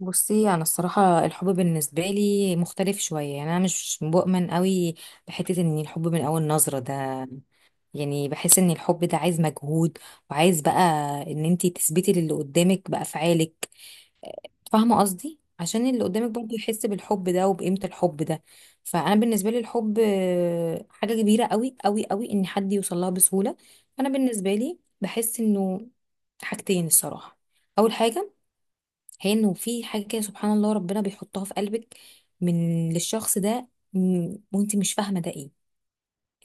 بصي، انا الصراحه الحب بالنسبه لي مختلف شويه، يعني انا مش بؤمن قوي بحته ان الحب من اول نظره ده. يعني بحس ان الحب ده عايز مجهود، وعايز بقى ان انتي تثبتي للي قدامك بافعالك. فاهمه قصدي؟ عشان اللي قدامك برضه يحس بالحب ده وبقيمه الحب ده. فانا بالنسبه لي الحب حاجه كبيره قوي قوي قوي ان حد يوصل لها بسهوله. انا بالنسبه لي بحس انه حاجتين الصراحه. اول حاجه، هي انه في حاجه كده سبحان الله ربنا بيحطها في قلبك من للشخص ده. وانت مش فاهمه ده ايه.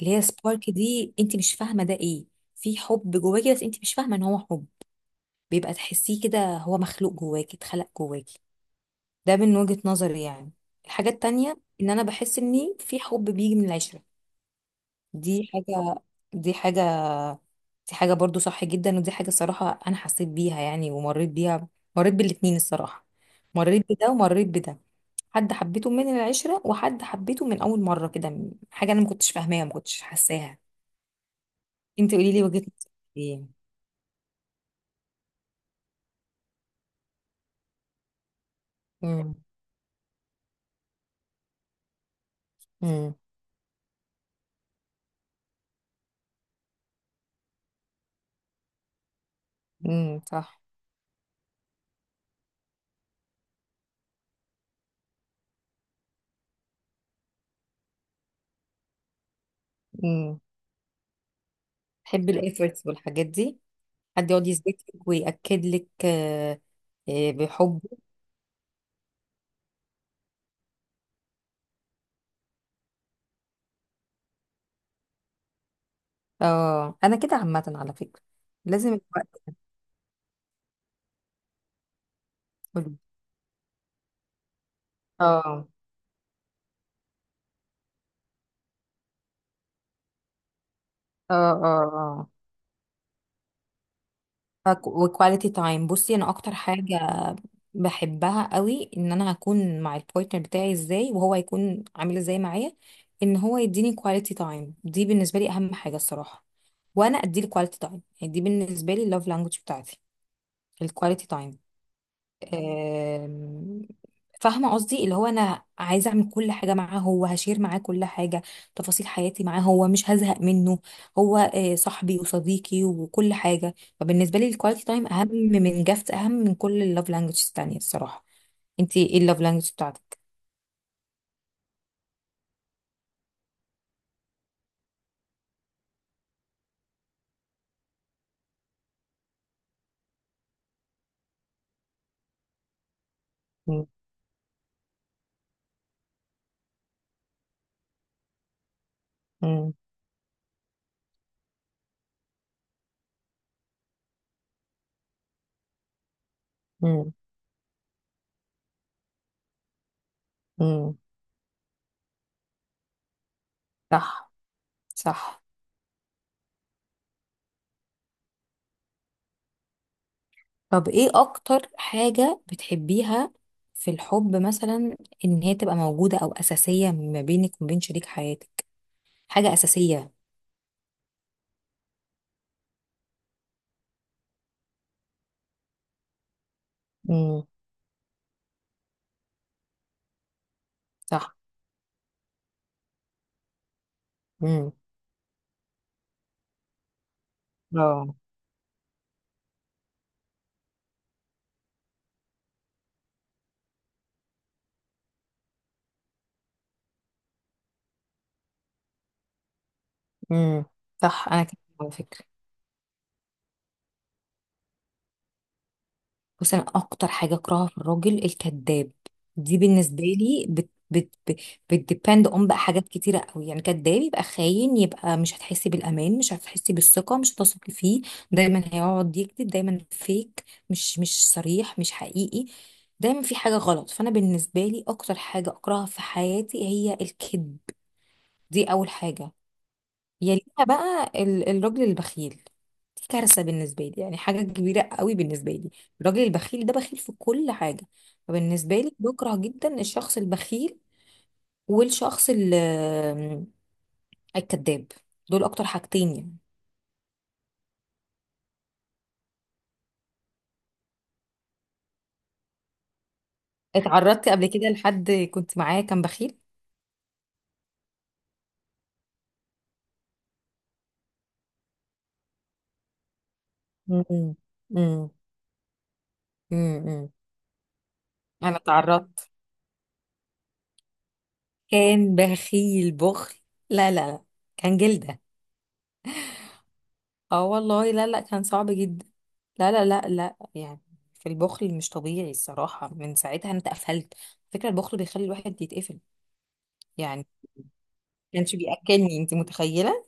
اللي هي سبارك دي انت مش فاهمه ده ايه. في حب جواكي بس انت مش فاهمه ان هو حب، بيبقى تحسيه كده هو مخلوق جواكي اتخلق جواكي. ده من وجهه نظري يعني. الحاجه التانية، ان انا بحس اني في حب بيجي من العشره. دي حاجه دي حاجه دي حاجه برضو صح جدا، ودي حاجه الصراحه انا حسيت بيها يعني ومريت بيها. مريت بالاتنين الصراحه. مريت بده ومريت بده. حد حبيته من العشرة وحد حبيته من أول مرة كده. حاجة أنا ما كنتش فاهماها ما كنتش حاساها. أنت قولي لي وجهة نظرك. إيه؟ امم. امم. امم. صح. امم. بحب الإيفورتس والحاجات دي. حد يقعد يثبت لك ويأكد لك. آه، آه، بحبه. اه، أنا كده عامة على فكرة. لازم الوقت. كله. اه. اه، اه. اه، وكواليتي تايم. بصي، أنا أكتر حاجة بحبها قوي ان انا هكون مع البارتنر بتاعي ازاي وهو هيكون عامل ازاي معايا. ان هو يديني كواليتي تايم دي بالنسبه لي اهم حاجه الصراحه. وانا اديله كواليتي تايم، يعني دي بالنسبه لي اللوف لانجوج بتاعتي، الكواليتي تايم. آم، فاهمة قصدي، اللي هو أنا عايزة أعمل كل حاجة معاه، هو هشير معاه كل حاجة. تفاصيل حياتي معاه، هو مش هزهق منه. هو صاحبي وصديقي وكل حاجة. فبالنسبة لي الكواليتي تايم أهم من جافت، أهم من كل اللوف لانجوج التانية الصراحة. انتي ايه اللوف لانجوج بتاعتك؟ مم، مم، مم، مم. صح، صح. طب ايه أكتر حاجة بتحبيها في الحب مثلا؟ إن هي تبقى موجودة أو أساسية ما بينك وما بين شريك حياتك؟ حاجة أساسية. امم. صح. امم. اه. امم. صح، أنا كده على فكرة. بس أنا أكتر حاجة أكرهها في الراجل الكذاب. دي بالنسبة لي بت بت بت بتديبند أون بقى حاجات كتيرة قوي. يعني كذاب يبقى خاين، يبقى مش هتحسي بالأمان، مش هتحسي بالثقة، مش هتثقي فيه. دايما هيقعد يكذب، دايما فيك، مش صريح، مش حقيقي. دايما في حاجة غلط. فأنا بالنسبة لي أكتر حاجة أكرهها في حياتي هي الكذب. دي أول حاجة. يليها بقى الراجل البخيل. دي كارثة بالنسبة لي، يعني حاجة كبيرة قوي بالنسبة لي. الراجل البخيل ده بخيل في كل حاجة. فبالنسبة لي بكره جدا الشخص البخيل. والشخص الكذاب. دول أكتر حاجتين يعني. اتعرضت قبل كده لحد كنت معاه كان بخيل. امم. امم. امم. أنا اتعرضت. كان بخيل بخل. لا، لا، لا. كان جلدة. اه، والله، لا، لا، كان صعب جدا. لا، لا، لا، لا، يعني. في البخل مش طبيعي الصراحة، من ساعتها انت قفلت. فكرة البخل بيخلي الواحد يتقفل. يعني ما كانش بيأكلني، انت متخيلة.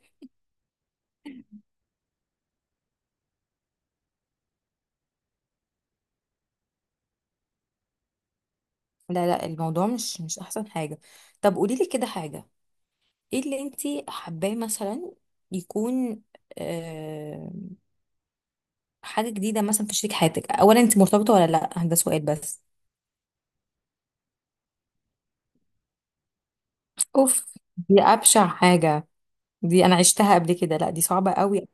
لا، لا، الموضوع مش احسن حاجة. طب قولي لي كده حاجة. ايه اللي انت حباه مثلا يكون آه حاجة جديدة مثلا في شريك حياتك؟ اولا، انت مرتبطة ولا لا؟ ده سؤال بس. اوف. دي ابشع حاجة. دي انا عشتها قبل كده، لا دي صعبة قوي.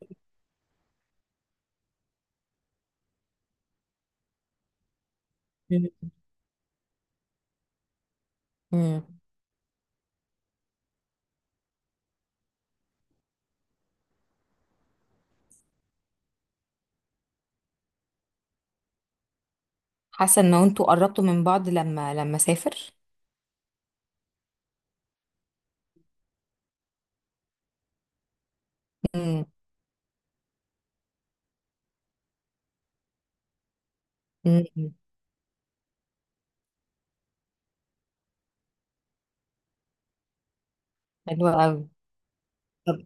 مم. حاسه ان انتوا قربتوا من بعض لما سافر. امم. أمم. حلوه قوي. طب.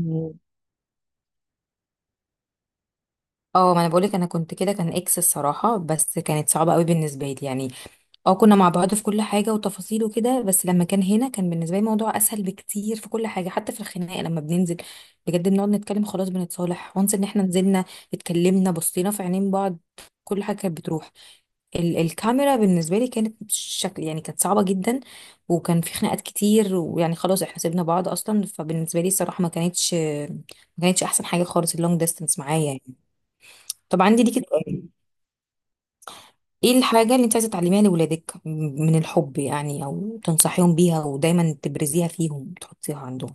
أمم. اه، ما انا بقولك، انا كنت كده، كان اكس الصراحه، بس كانت صعبه قوي بالنسبه لي يعني. اه، كنا مع بعض في كل حاجة وتفاصيل وكده، بس لما كان هنا كان بالنسبة لي الموضوع أسهل بكتير في كل حاجة، حتى في الخناقة لما بننزل. بجد، بنقعد نتكلم خلاص، بنتصالح وانس ان احنا نزلنا. اتكلمنا، بصينا في عينين بعض. كل حاجة كانت بتروح. الكاميرا بالنسبة لي كانت شكل يعني، كانت صعبة جدا. وكان في خناقات كتير، ويعني خلاص احنا سيبنا بعض أصلا. فبالنسبة لي الصراحة ما كانتش أحسن حاجة خالص اللونج ديستانس معايا يعني. طبعا، عندي ليكي سؤال. ايه الحاجة اللي انت عايزة تعلميها لولادك من الحب؟ يعني او تنصحيهم بيها ودايما تبرزيها فيهم تحطيها عندهم.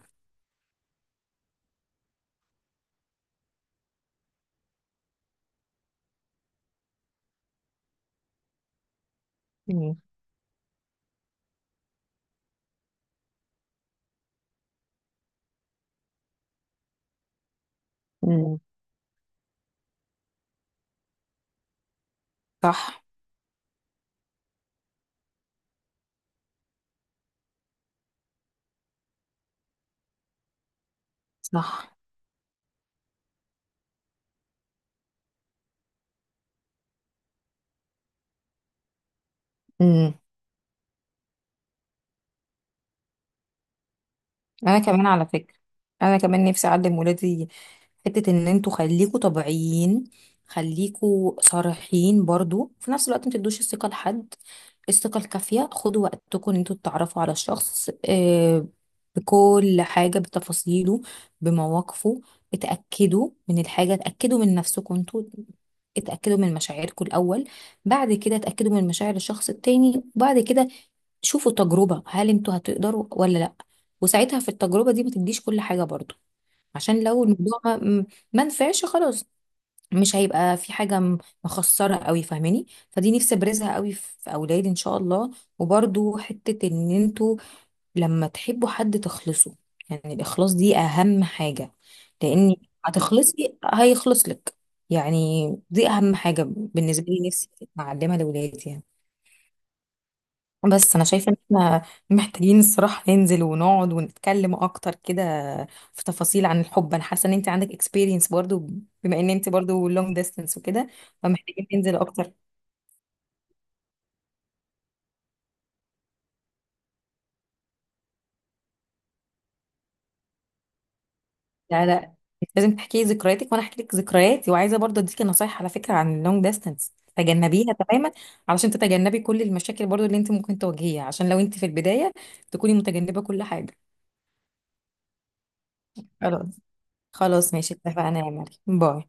مم. مم. صح. صح. مم. انا كمان على فكرة، انا كمان نفسي اعلم ولادي. حتة ان انتوا خليكوا طبيعيين، خليكوا صريحين برضو، في نفس الوقت ما تدوش الثقة لحد. الثقة الكافية. خدوا وقتكم ان انتوا تتعرفوا على الشخص بكل حاجة، بتفاصيله، بمواقفه. اتأكدوا من الحاجة، اتأكدوا من نفسكم انتوا. اتأكدوا من مشاعركم الأول. بعد كده اتأكدوا من مشاعر الشخص التاني، وبعد كده شوفوا تجربة، هل انتوا هتقدروا ولا لأ؟ وساعتها في التجربة دي ما تديش كل حاجة برضو، عشان لو الموضوع ما نفعش خلاص. مش هيبقى في حاجة مخسرة قوي، فاهماني؟ فدي نفسي ابرزها قوي في اولادي ان شاء الله. وبرضو حتة ان انتوا لما تحبوا حد تخلصوا، يعني الاخلاص دي اهم حاجة. لان هتخلصي هيخلص لك. يعني دي اهم حاجة بالنسبة لي، نفسي اعلمها لاولادي يعني. بس انا شايفه ان احنا محتاجين الصراحه ننزل ونقعد ونتكلم اكتر كده في تفاصيل عن الحب. انا حاسه ان انت عندك اكسبيرينس برضو، بما ان انت برضو لونج ديستانس وكده، فمحتاجين ننزل اكتر. لا، لا. لازم تحكي لي ذكرياتك وانا احكي لك ذكرياتي، وعايزه برضو اديكي نصايح على فكره عن اللونج ديستانس، تجنبيها تماما، علشان تتجنبي كل المشاكل برضو اللي انت ممكن تواجهيها، عشان لو انت في البدايه تكوني متجنبه كل حاجه. خلاص. خلاص، ماشي، اتفقنا يا مريم. باي.